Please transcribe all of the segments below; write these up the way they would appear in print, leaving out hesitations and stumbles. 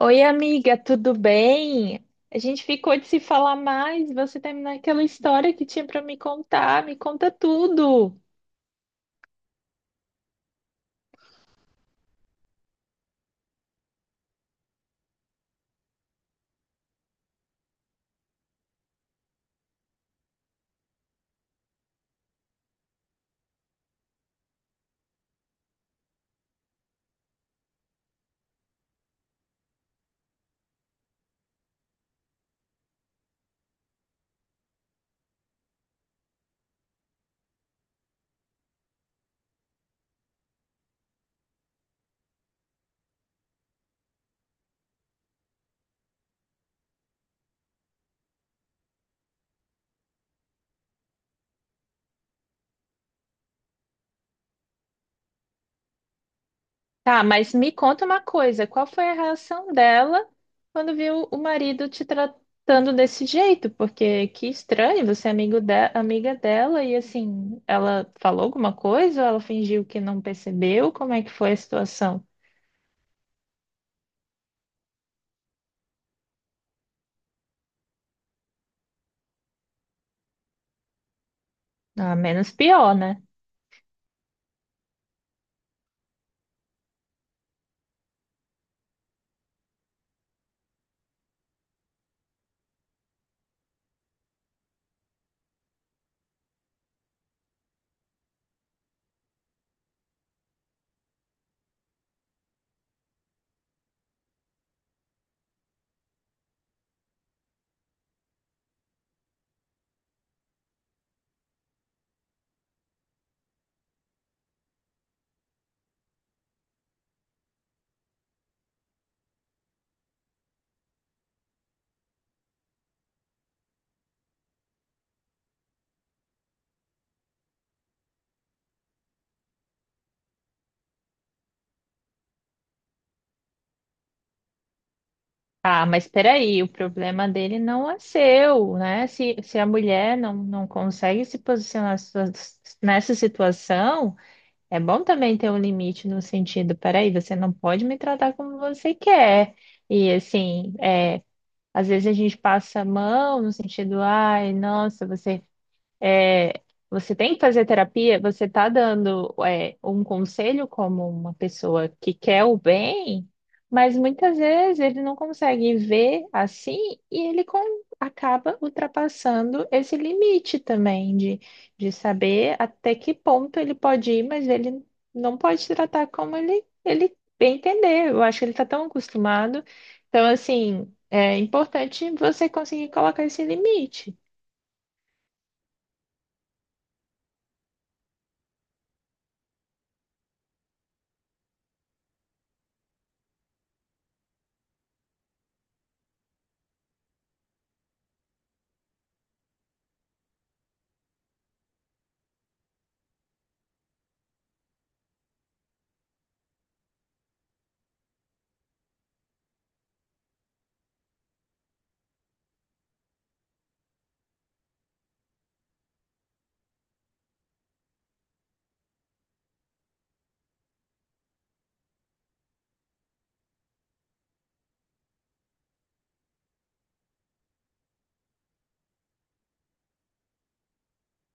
Oi, amiga, tudo bem? A gente ficou de se falar mais, você terminou aquela história que tinha para me contar, me conta tudo. Tá, mas me conta uma coisa, qual foi a reação dela quando viu o marido te tratando desse jeito? Porque que estranho, você é amiga dela e assim, ela falou alguma coisa ou ela fingiu que não percebeu? Como é que foi a situação? Ah, menos pior, né? Ah, mas peraí, o problema dele não é seu, né? Se a mulher não consegue se nessa situação, é bom também ter um limite no sentido, peraí, você não pode me tratar como você quer. E assim, é, às vezes a gente passa a mão no sentido, ai, nossa, você é, você tem que fazer terapia, você está dando, é, um conselho como uma pessoa que quer o bem, mas muitas vezes ele não consegue ver assim e acaba ultrapassando esse limite também de saber até que ponto ele pode ir, mas ele não pode se tratar como ele bem entender. Eu acho que ele está tão acostumado. Então, assim, é importante você conseguir colocar esse limite.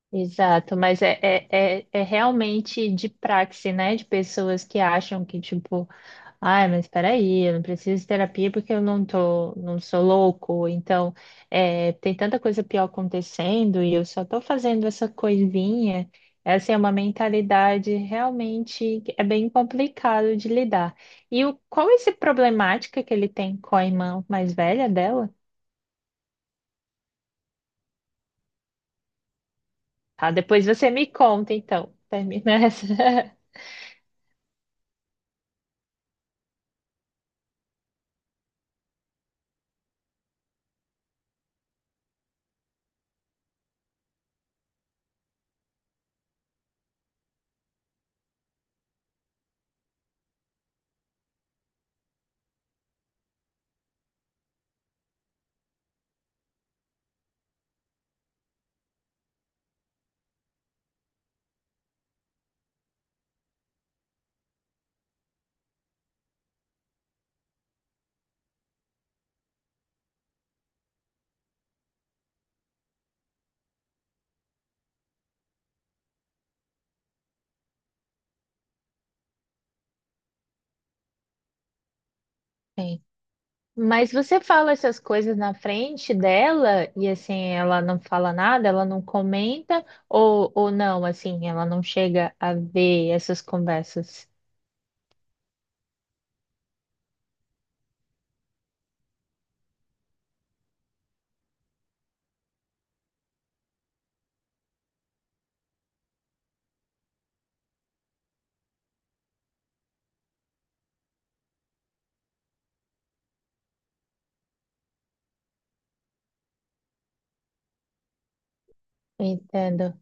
Exato, mas é realmente de praxe, né? De pessoas que acham que, tipo, ai, mas peraí, eu não preciso de terapia porque eu não tô, não sou louco, então é, tem tanta coisa pior acontecendo e eu só tô fazendo essa coisinha. Essa é uma mentalidade realmente que é bem complicado de lidar. E o, qual é essa problemática que ele tem com a irmã mais velha dela? Tá, depois você me conta, então. Termina essa. Mas você fala essas coisas na frente dela e assim ela não fala nada, ela não comenta ou não, assim, ela não chega a ver essas conversas. Entendo.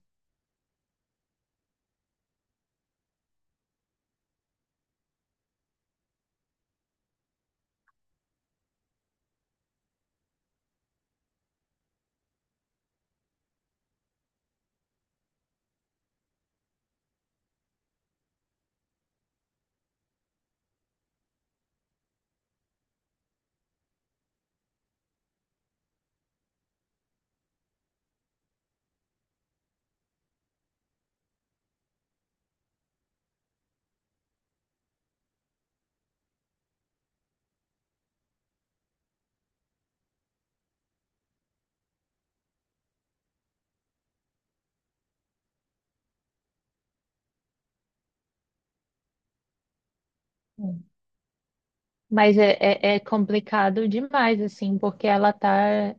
Mas é, é, é complicado demais, assim, porque ela tá.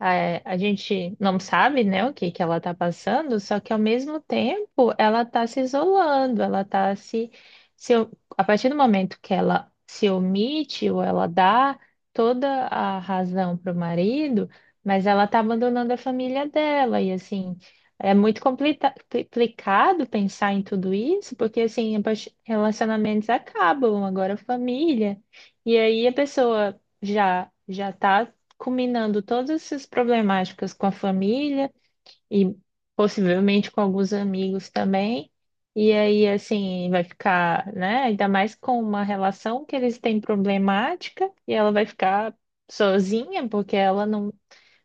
É, a gente não sabe, né, o que que ela está passando, só que ao mesmo tempo ela está se isolando, ela está se, se. A partir do momento que ela se omite ou ela dá toda a razão para o marido, mas ela está abandonando a família dela. E assim, é muito complicado pensar em tudo isso, porque assim, relacionamentos acabam, agora família. E aí a pessoa já tá combinando todas essas problemáticas com a família e possivelmente com alguns amigos também. E aí, assim, vai ficar, né? Ainda mais com uma relação que eles têm problemática e ela vai ficar sozinha, porque ela não,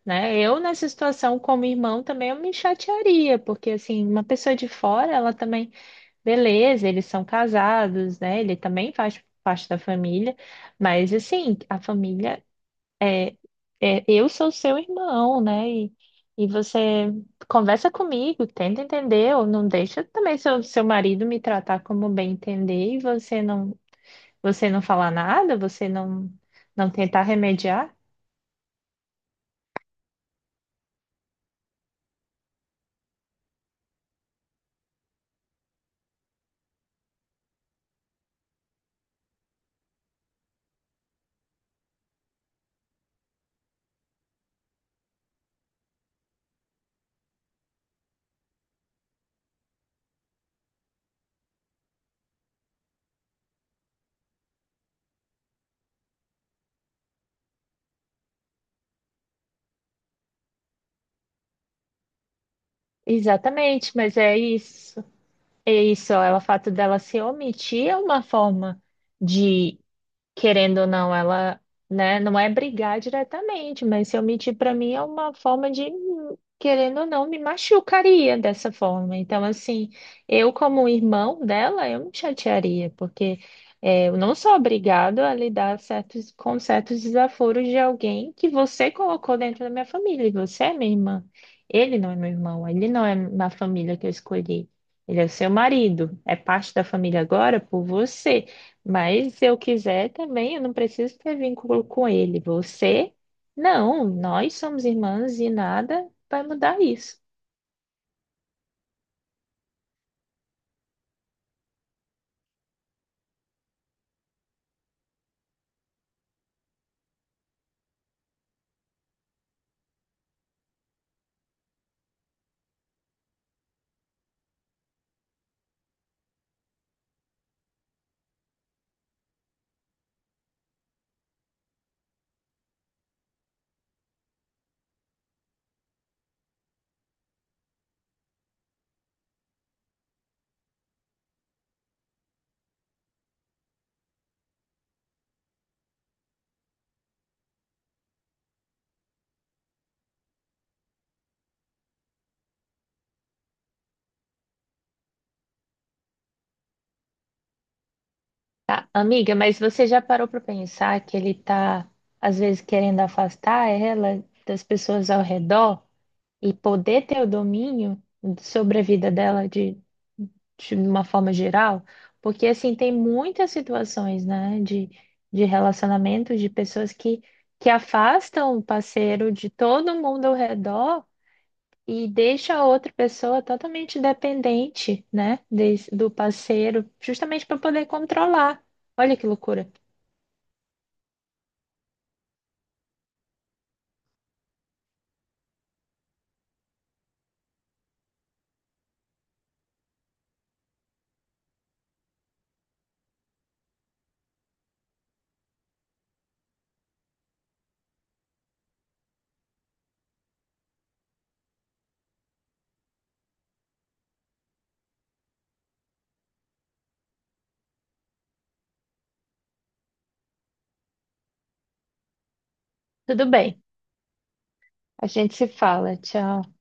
né? Eu nessa situação como irmão também eu me chatearia, porque assim, uma pessoa de fora, ela também, beleza, eles são casados, né? Ele também faz parte da família, mas assim, a família é, eu sou seu irmão, né? E você conversa comigo, tenta entender, ou não deixa também seu marido me tratar como bem entender e você não falar nada, você não, não tentar remediar. Exatamente, mas é isso. É isso, ela, o fato dela se omitir é uma forma de querendo ou não, ela, né, não é brigar diretamente, mas se eu mentir para mim é uma forma de, querendo ou não, me machucaria dessa forma. Então, assim, eu como irmão dela, eu me chatearia, porque é, eu não sou obrigado a lidar certos, com certos desaforos de alguém que você colocou dentro da minha família, e você é minha irmã. Ele não é meu irmão, ele não é na família que eu escolhi. Ele é seu marido, é parte da família agora por você. Mas se eu quiser também, eu não preciso ter vínculo com ele. Você, não, nós somos irmãs e nada vai mudar isso. Tá, amiga, mas você já parou para pensar que ele tá, às vezes, querendo afastar ela das pessoas ao redor e poder ter o domínio sobre a vida dela, de uma forma geral, porque assim tem muitas situações, né, de relacionamento de pessoas que afastam o parceiro de todo mundo ao redor e deixa a outra pessoa totalmente dependente, né, do parceiro, justamente para poder controlar. Olha que loucura. Tudo bem, a gente se fala. Tchau.